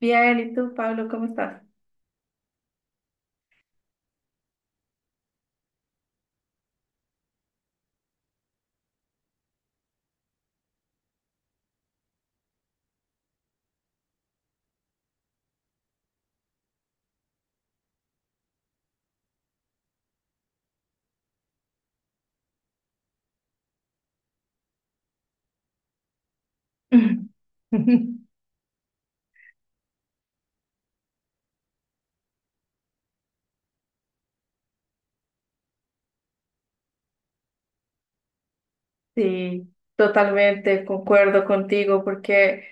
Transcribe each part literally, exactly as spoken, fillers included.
Bien, ¿y tú, Pablo, cómo estás? Sí, totalmente concuerdo contigo porque,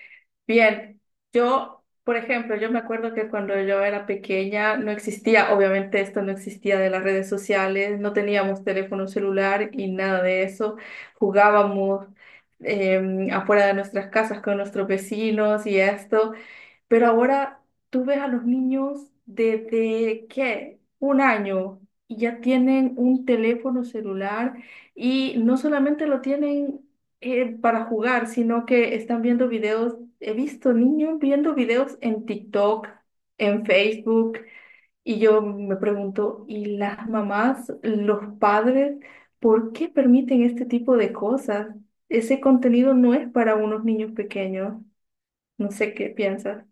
bien, yo, por ejemplo, yo me acuerdo que cuando yo era pequeña no existía, obviamente esto no existía de las redes sociales, no teníamos teléfono celular y nada de eso, jugábamos em, afuera de nuestras casas con nuestros vecinos y esto. Pero ahora tú ves a los niños desde, ¿qué? Un año, y ya tienen un teléfono celular, y no solamente lo tienen eh, para jugar, sino que están viendo videos. He visto niños viendo videos en TikTok, en Facebook, y yo me pregunto, ¿y las mamás, los padres, por qué permiten este tipo de cosas? Ese contenido no es para unos niños pequeños. No sé qué piensas.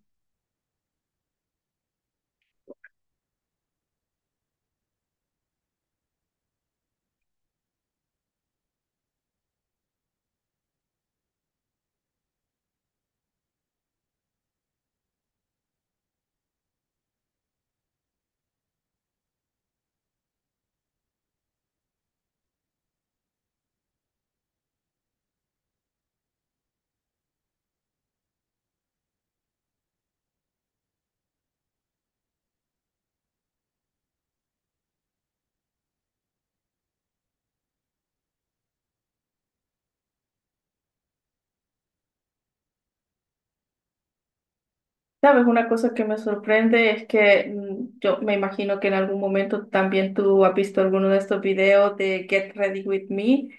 Sabes, una cosa que me sorprende es que mm, yo me imagino que en algún momento también tú has visto alguno de estos videos de Get Ready With Me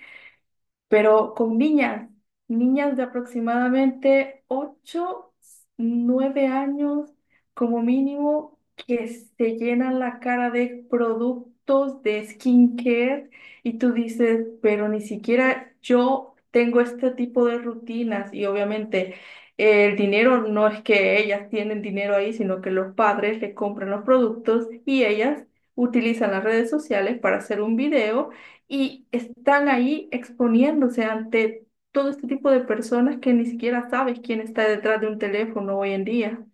pero con niñas, niñas de aproximadamente ocho, nueve años como mínimo, que se llenan la cara de productos de skincare, y tú dices, pero ni siquiera yo tengo este tipo de rutinas y obviamente... eh, El dinero, no es que ellas tienen dinero ahí, sino que los padres le compran los productos y ellas utilizan las redes sociales para hacer un video, y están ahí exponiéndose ante todo este tipo de personas que ni siquiera sabes quién está detrás de un teléfono hoy en día.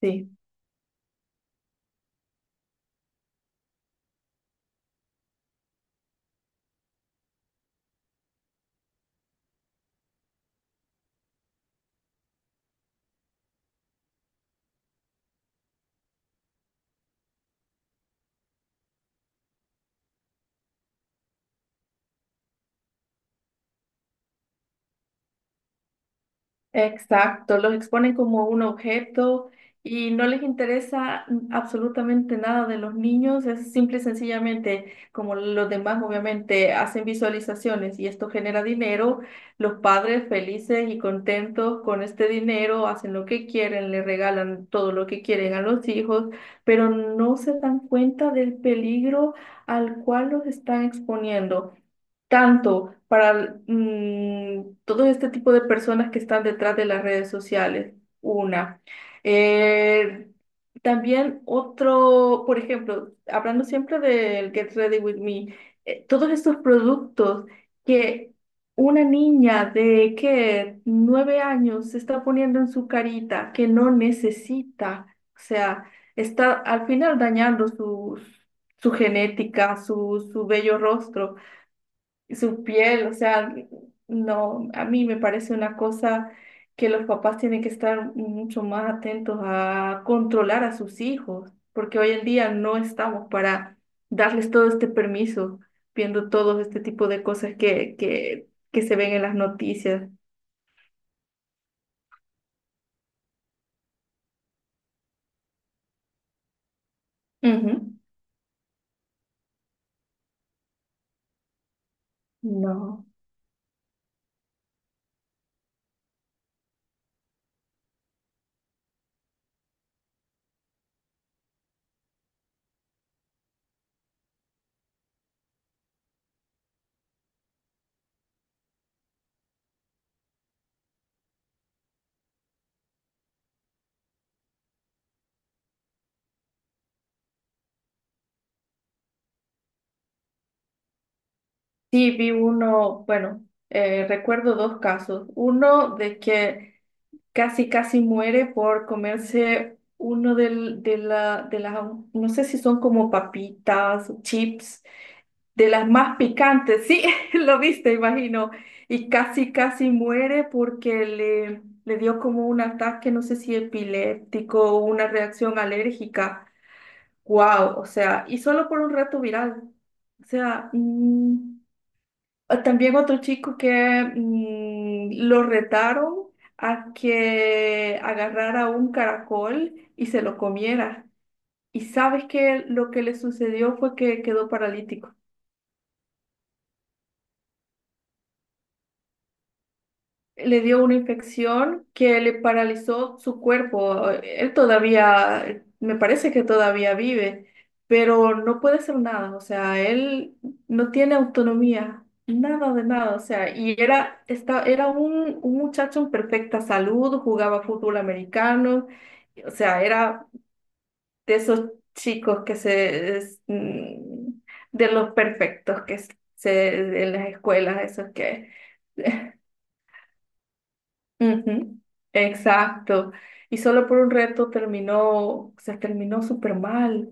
Sí. Exacto, los exponen como un objeto y no les interesa absolutamente nada de los niños, es simple y sencillamente, como los demás obviamente hacen visualizaciones y esto genera dinero, los padres felices y contentos con este dinero hacen lo que quieren, le regalan todo lo que quieren a los hijos, pero no se dan cuenta del peligro al cual los están exponiendo tanto para mm, todo este tipo de personas que están detrás de las redes sociales. Una. Eh, también otro, por ejemplo, hablando siempre del Get Ready With Me, eh, todos estos productos que una niña de que nueve años se está poniendo en su carita que no necesita, o sea, está al final dañando su, su genética, su, su bello rostro, su piel, o sea, no, a mí me parece una cosa que los papás tienen que estar mucho más atentos a controlar a sus hijos, porque hoy en día no estamos para darles todo este permiso, viendo todo este tipo de cosas que, que, que se ven en las noticias. Ujú. No. Sí, vi uno, bueno, eh, recuerdo dos casos. Uno de que casi casi muere por comerse uno del, de la, de las, no sé si son como papitas, chips, de las más picantes, sí, lo viste, imagino, y casi casi muere porque le, le dio como un ataque, no sé si epiléptico o una reacción alérgica. Wow, o sea, y solo por un rato viral. O sea, mm, Ah, también otro chico que mm, lo retaron a que agarrara un caracol y se lo comiera. Y sabes que lo que le sucedió fue que quedó paralítico. Le dio una infección que le paralizó su cuerpo. Él todavía, me parece que todavía vive, pero no puede hacer nada. O sea, él no tiene autonomía, nada de nada. O sea, y era, esta- era un, un muchacho en perfecta salud, jugaba fútbol americano. O sea, era de esos chicos que se, es, mm, de los perfectos que se, en las escuelas, esos que... Ujú, exacto. Y solo por un reto terminó, se terminó súper mal.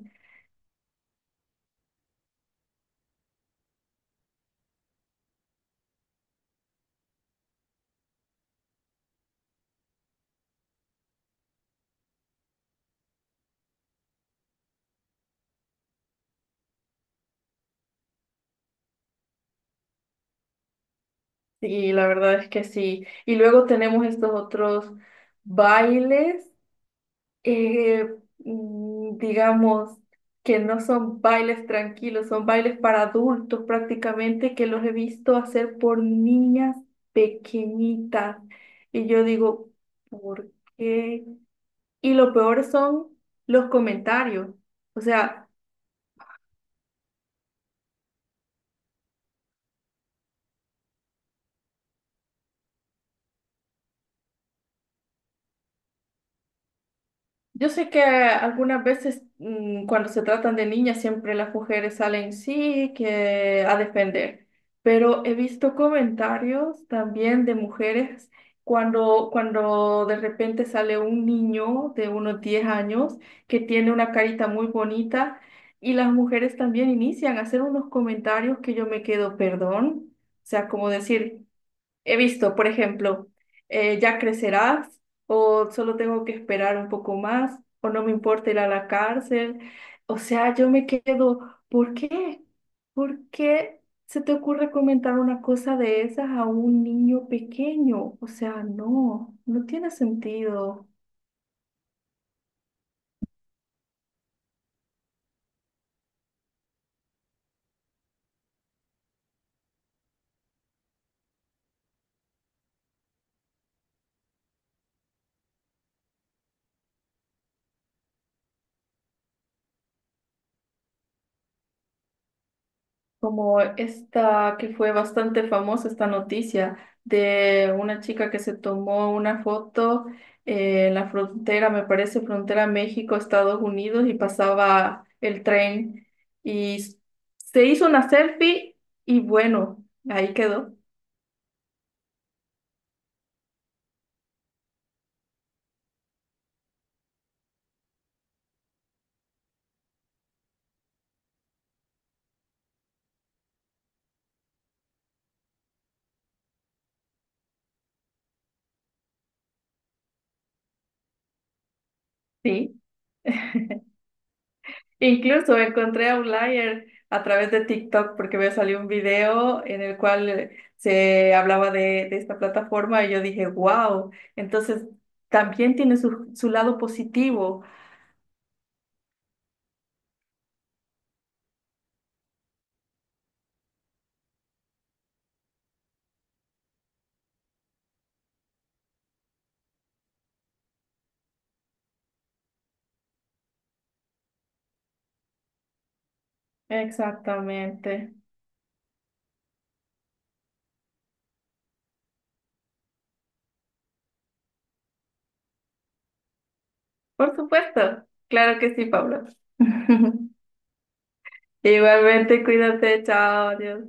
Y la verdad es que sí. Y luego tenemos estos otros bailes, eh, mm, digamos, que no son bailes tranquilos, son bailes para adultos prácticamente, que los he visto hacer por niñas pequeñitas. Y yo digo, ¿por qué? Y lo peor son los comentarios. O sea... Yo sé que algunas veces mm, cuando se tratan de niñas siempre las mujeres salen sí que a defender, pero he visto comentarios también de mujeres cuando, cuando de repente sale un niño de unos diez años que tiene una carita muy bonita, y las mujeres también inician a hacer unos comentarios que yo me quedo, perdón, o sea, como decir... He visto, por ejemplo, eh, ya crecerás, o solo tengo que esperar un poco más, o no me importa ir a la cárcel. O sea, yo me quedo, ¿por qué? ¿Por qué se te ocurre comentar una cosa de esas a un niño pequeño? O sea, no, no tiene sentido. Como esta que fue bastante famosa, esta noticia de una chica que se tomó una foto eh, en la frontera, me parece frontera México-Estados Unidos, y pasaba el tren, y s- se hizo una selfie y bueno, ahí quedó, sí. Incluso encontré a Outlier a través de TikTok porque me salió un video en el cual eh, se hablaba de, de esta plataforma y yo dije, wow, entonces también tiene su, su lado positivo. Exactamente. Por supuesto. Claro que sí, Pablo. Igualmente, cuídate, chao, adiós.